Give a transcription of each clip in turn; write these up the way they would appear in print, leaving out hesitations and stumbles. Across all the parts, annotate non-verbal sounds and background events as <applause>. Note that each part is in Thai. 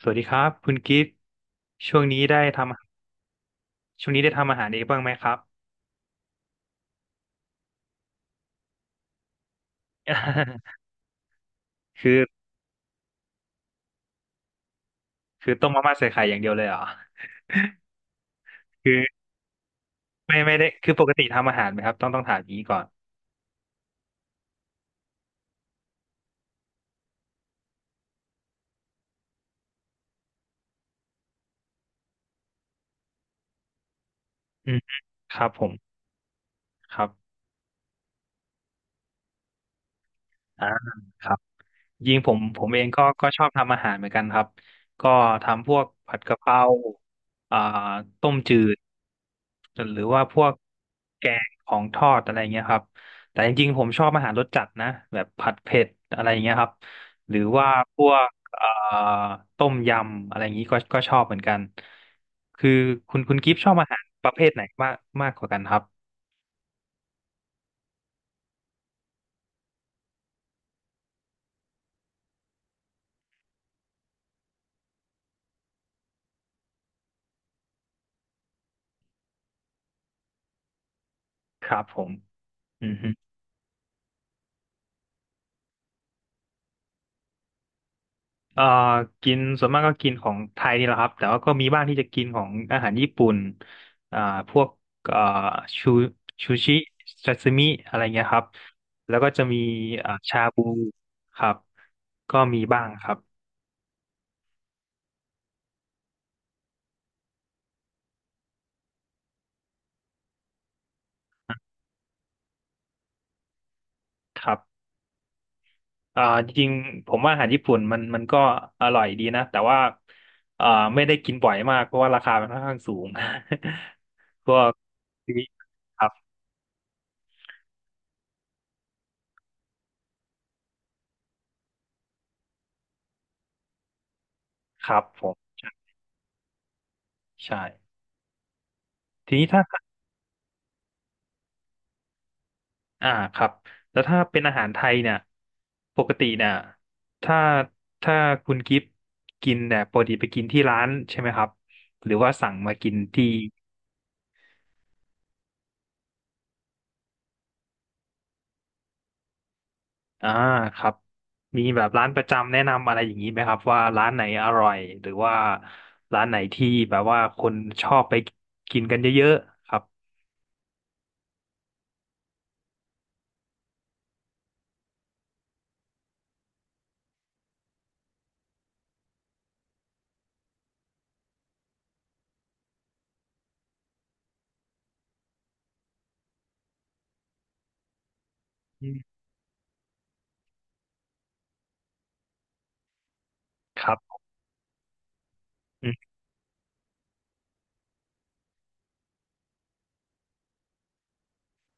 สวัสดีครับคุณกิฟต์ช่วงนี้ได้ทำช่วงนี้ได้ทำอาหารเองบ้างไหมครับ <laughs> คือคือต้มมาม่าใส่ไข่อย่างเดียวเลยเหรอคือไม่ได้คือปกติทำอาหารไหมครับต้องถามอย่างนี้ก่อนอืมครับผมครับอ่าครับ ยิงผมเองก็ชอบทำอาหารเหมือนกันครับก็ทำพวกผัดกะเพราอ่าต้มจืดหรือว่าพวกแกงของทอดอะไรเงี้ยครับแต่จริงๆผมชอบอาหารรสจัดนะแบบผัดเผ็ดอะไรเงี้ยครับหรือว่าพวกเอ่าต้มยำอะไรอย่างนี้ก็ชอบเหมือนกันคือคุณกิฟต์ชอบอาหารประเภทไหนมากมากกว่ากันครับครับผมอืม เอ่อกินส่วนมากก็กินของไทยนี่แหละครับแต่ว่าก็มีบ้างที่จะกินของอาหารญี่ปุ่นอ่าพวกเอ่อชูชิซาซิมิอะไรเงี้ยครับแล้วก็จะมีอ่าชาบูครับ ก็มีบ้างครับครับอ่าจริงๆผมว่าอาหารญี่ปุ่นมันก็อร่อยดีนะแต่ว่าอ่าไม่ได้กินบ่อยมากเพราะว่าราคามันค่อนข้างสูง <laughs> พวกซูชวิตครับครับผมใช่ทีนี้ถ้า อ่าครับแล้วถ้าเป็นอาหารไทยเนี่ยปกติเนี่ยถ้าถ้าคุณกิฟต์กินเนี่ยปกติไปกินที่ร้านใช่ไหมครับหรือว่าสั่งมากินที่อ่าครับมีแบบร้านประจำแนะนำอะไรอย่างนี้ไหมครับว่าร้านไหนอร่อยหรือว่าร้านไหนที่แบบว่าคนชอบไปกินกันเยอะๆครับอืมครับอืม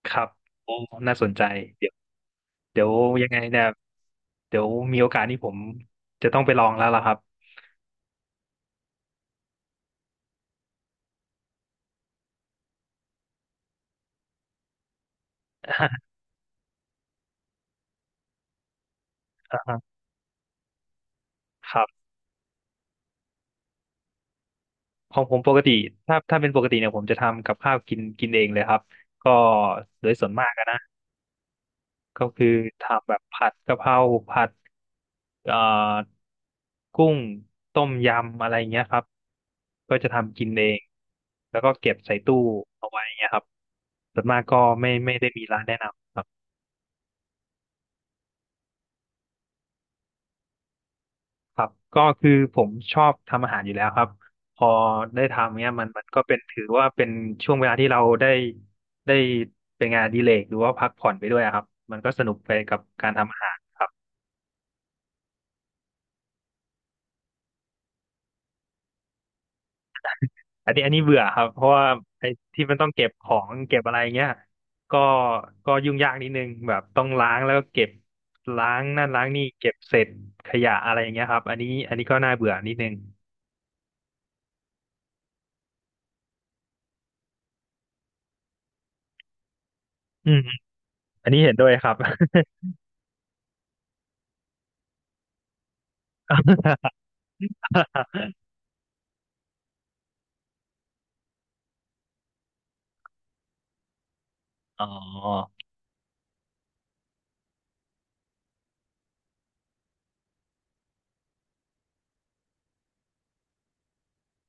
ครับโอ้น่าสนใจเดี๋ยวเดี๋ยวยังไงเนี่ยเดี๋ยวมีโอกาสนี่ผมจะต้องไปลองแล้วล่ะครับ <laughs> ครับของผมปกติถ้าเป็นปกติเนี่ยผมจะทำกับข้าวกินกินเองเลยครับก็โดยส่วนมากอะนะก็คือทำแบบผัดกะเพราผัดเอ่อกุ้งต้มยำอะไรเงี้ยครับก็จะทำกินเองแล้วก็เก็บใส่ตู้เอาไว้เงี้ยครับส่วนมากก็ไม่ได้มีร้านแนะนำครับ ครับก็คือผมชอบทำอาหารอยู่แล้วครับพอได้ทำเนี้ยมันก็เป็นถือว่าเป็นช่วงเวลาที่เราได้ได้เป็นงานอดีเลกหรือว่าพักผ่อนไปด้วยอะครับมันก็สนุกไปกับการทำอาหารครับอันนี้เบื่อครับเพราะว่าไอ้ที่มันต้องเก็บของเก็บอะไรเงี้ยก็ก็ยุ่งยากนิดนึงแบบต้องล้างแล้วก็เก็บล้างนั่นล้างนี่เก็บเศษขยะอะไรอย่างเงี้ยครับอันนี้ก็น่าเบื่อนิดนึงอืมอันนี้เห็นด้วยครับ <laughs> อ๋อ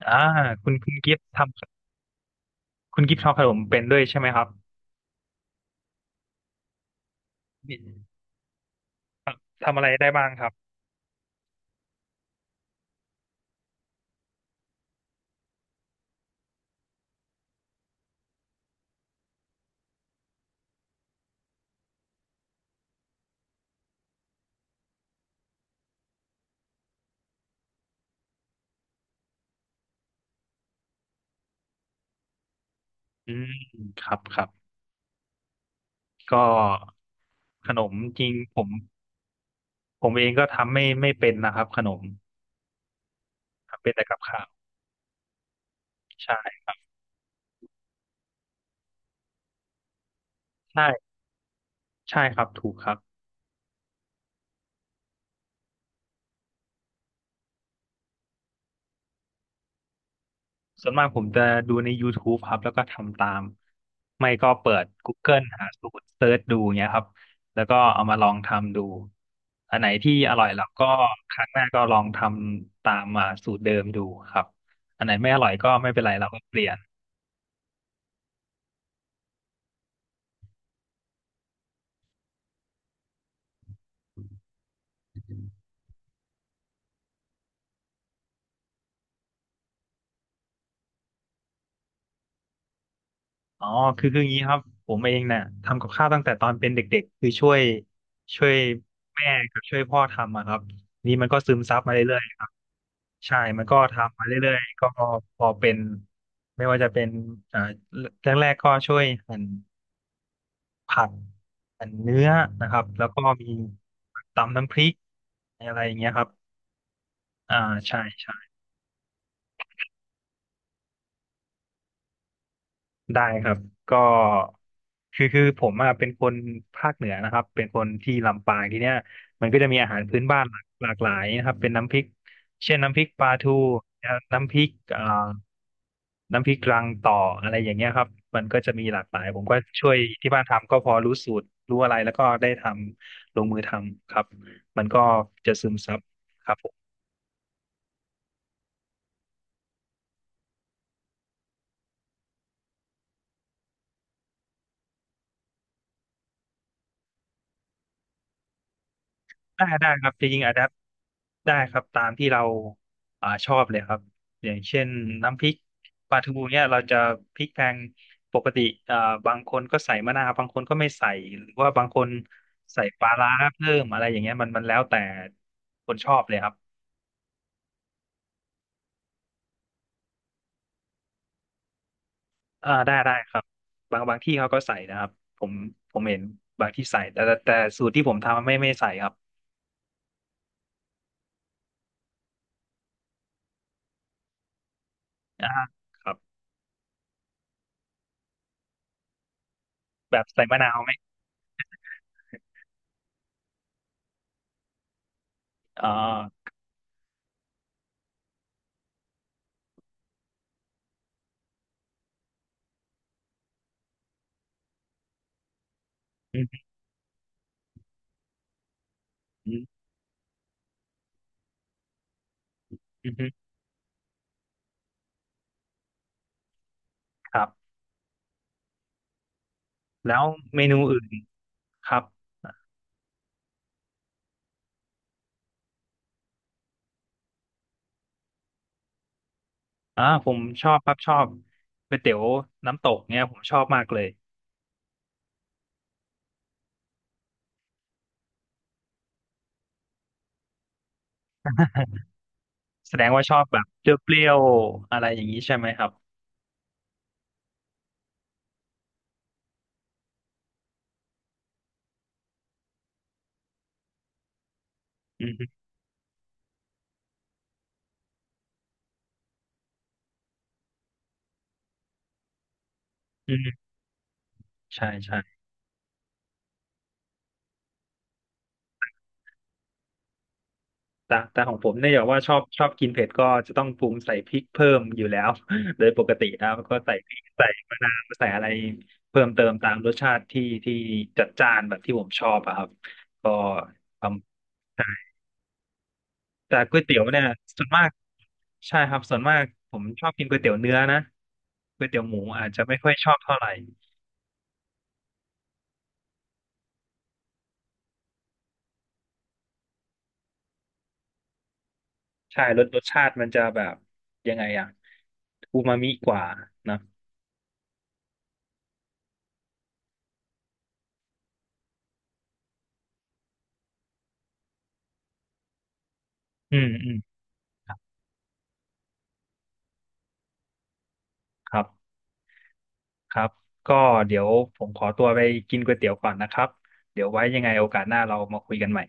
อ่าคุณกิฟต์ทำคุณกิฟต์ทำขนมเป็นด้วยใช่ไหมครับมีทำอะไรได้บ้างครับอืมครับครับก็ขนมจริงผมเองก็ทำไม่เป็นนะครับขนมทำเป็นแต่กับข้าวใช่ใช่ใช่ครับถูกครับ ส่วนมากผมจะดูใน YouTube ครับแล้วก็ทำตามไม่ก็เปิด Google หาสูตรเซิร์ชดูเงี้ยครับแล้วก็เอามาลองทำดูอันไหนที่อร่อยแล้วก็ครั้งหน้าก็ลองทำตามมาสูตรเดิมดูครับอันไหนไม่อร่อยก็ไม่เป็นไรเราก็เปลี่ยนอ๋อคืออย่างนี้ครับผมเองเนี่ยทำกับข้าวตั้งแต่ตอนเป็นเด็กๆคือช่วยแม่กับช่วยพ่อทำอะครับนี่มันก็ซึมซับมาเรื่อยๆครับ ใช่มันก็ทำมาเรื่อยๆก็พอเป็นไม่ว่าจะเป็นอ่าแรกๆก็ช่วยหั่นผักหั่นเนื้อนะครับ แล้วก็มีตำน้ำพริกอะไรอย่างเงี้ยครับอ่าใช่ใช่ ได้ครับก็คือผมอะเป็นคนภาคเหนือนะครับเป็นคนที่ลำปางทีเนี้ยมันก็จะมีอาหารพื้นบ้านหลากหลายนะครับเป็นน้ำพริกเช่นน้ำพริกปลาทูน้ำพริกน้ำพริกรังต่ออะไรอย่างเงี้ยครับมันก็จะมีหลากหลายผมก็ช่วยที่บ้านทำก็พอรู้สูตรรู้อะไรแล้วก็ได้ทำลงมือทำครับมันก็จะซึมซับครับ ได้ครับจะยิงอะแดปได้ครับตามที่เราอ่าชอบเลยครับอย่างเช่นน้ำพริกปลาทูเนี่ยเราจะพริกแกงปกติอ่าบางคนก็ใส่มะนาวบางคนก็ไม่ใส่หรือว่าบางคนใส่ปลาร้าเพิ่มอะไรอย่างเงี้ยมันแล้วแต่คนชอบเลยครับอ่าได้ครับบางที่เขาก็ใส่นะครับผมผมเห็นบางที่ใส่แต่แต่สูตรที่ผมทำไม่ใส่ครับอ่าครับแบบใส่มะนาวไหมอ่าอืมอืมอืมครับ แล้วเมนูอื่นครับอ่าผมชอบครับชอบก๋วยเตี๋ยวน้ำตกเนี่ยผมชอบมากเลยแสดงว่าชอบแบบเปรี้ยวๆอะไรอย่างนี้ใช่ไหมครับอืมฮึอืมฮึใช่แต่ของผมเนี่ยอย่างว่าชอบกินเผ็ดก็จะต้องปรุงใส่พริกเพิ่มอยู่แล้ว <laughs> โดยปกติแล้วก็ใส่พริกใส่มะนาวใส่อะไรเพิ่มเติมตามรสชาติที่จัดจ้านแบบที่ผมชอบอะครับก็ทำ แต่ก๋วยเตี๋ยวเนี่ยส่วนมากใช่ครับส่วนมากผมชอบกินก๋วยเตี๋ยวเนื้อนะก๋วยเตี๋ยวหมูอาจจะไม่ค่อยชอบเท่าไหร่ใช่รสชาติมันจะแบบยังไงอะอูมามิกว่านะอืมอืมครับครับก็เดี๋ยวผมขอตัวไปกินก๋วยเตี๋ยวก่อนนะครับเดี๋ยวไว้ยังไงโอกาสหน้าเรามาคุยกันใหม่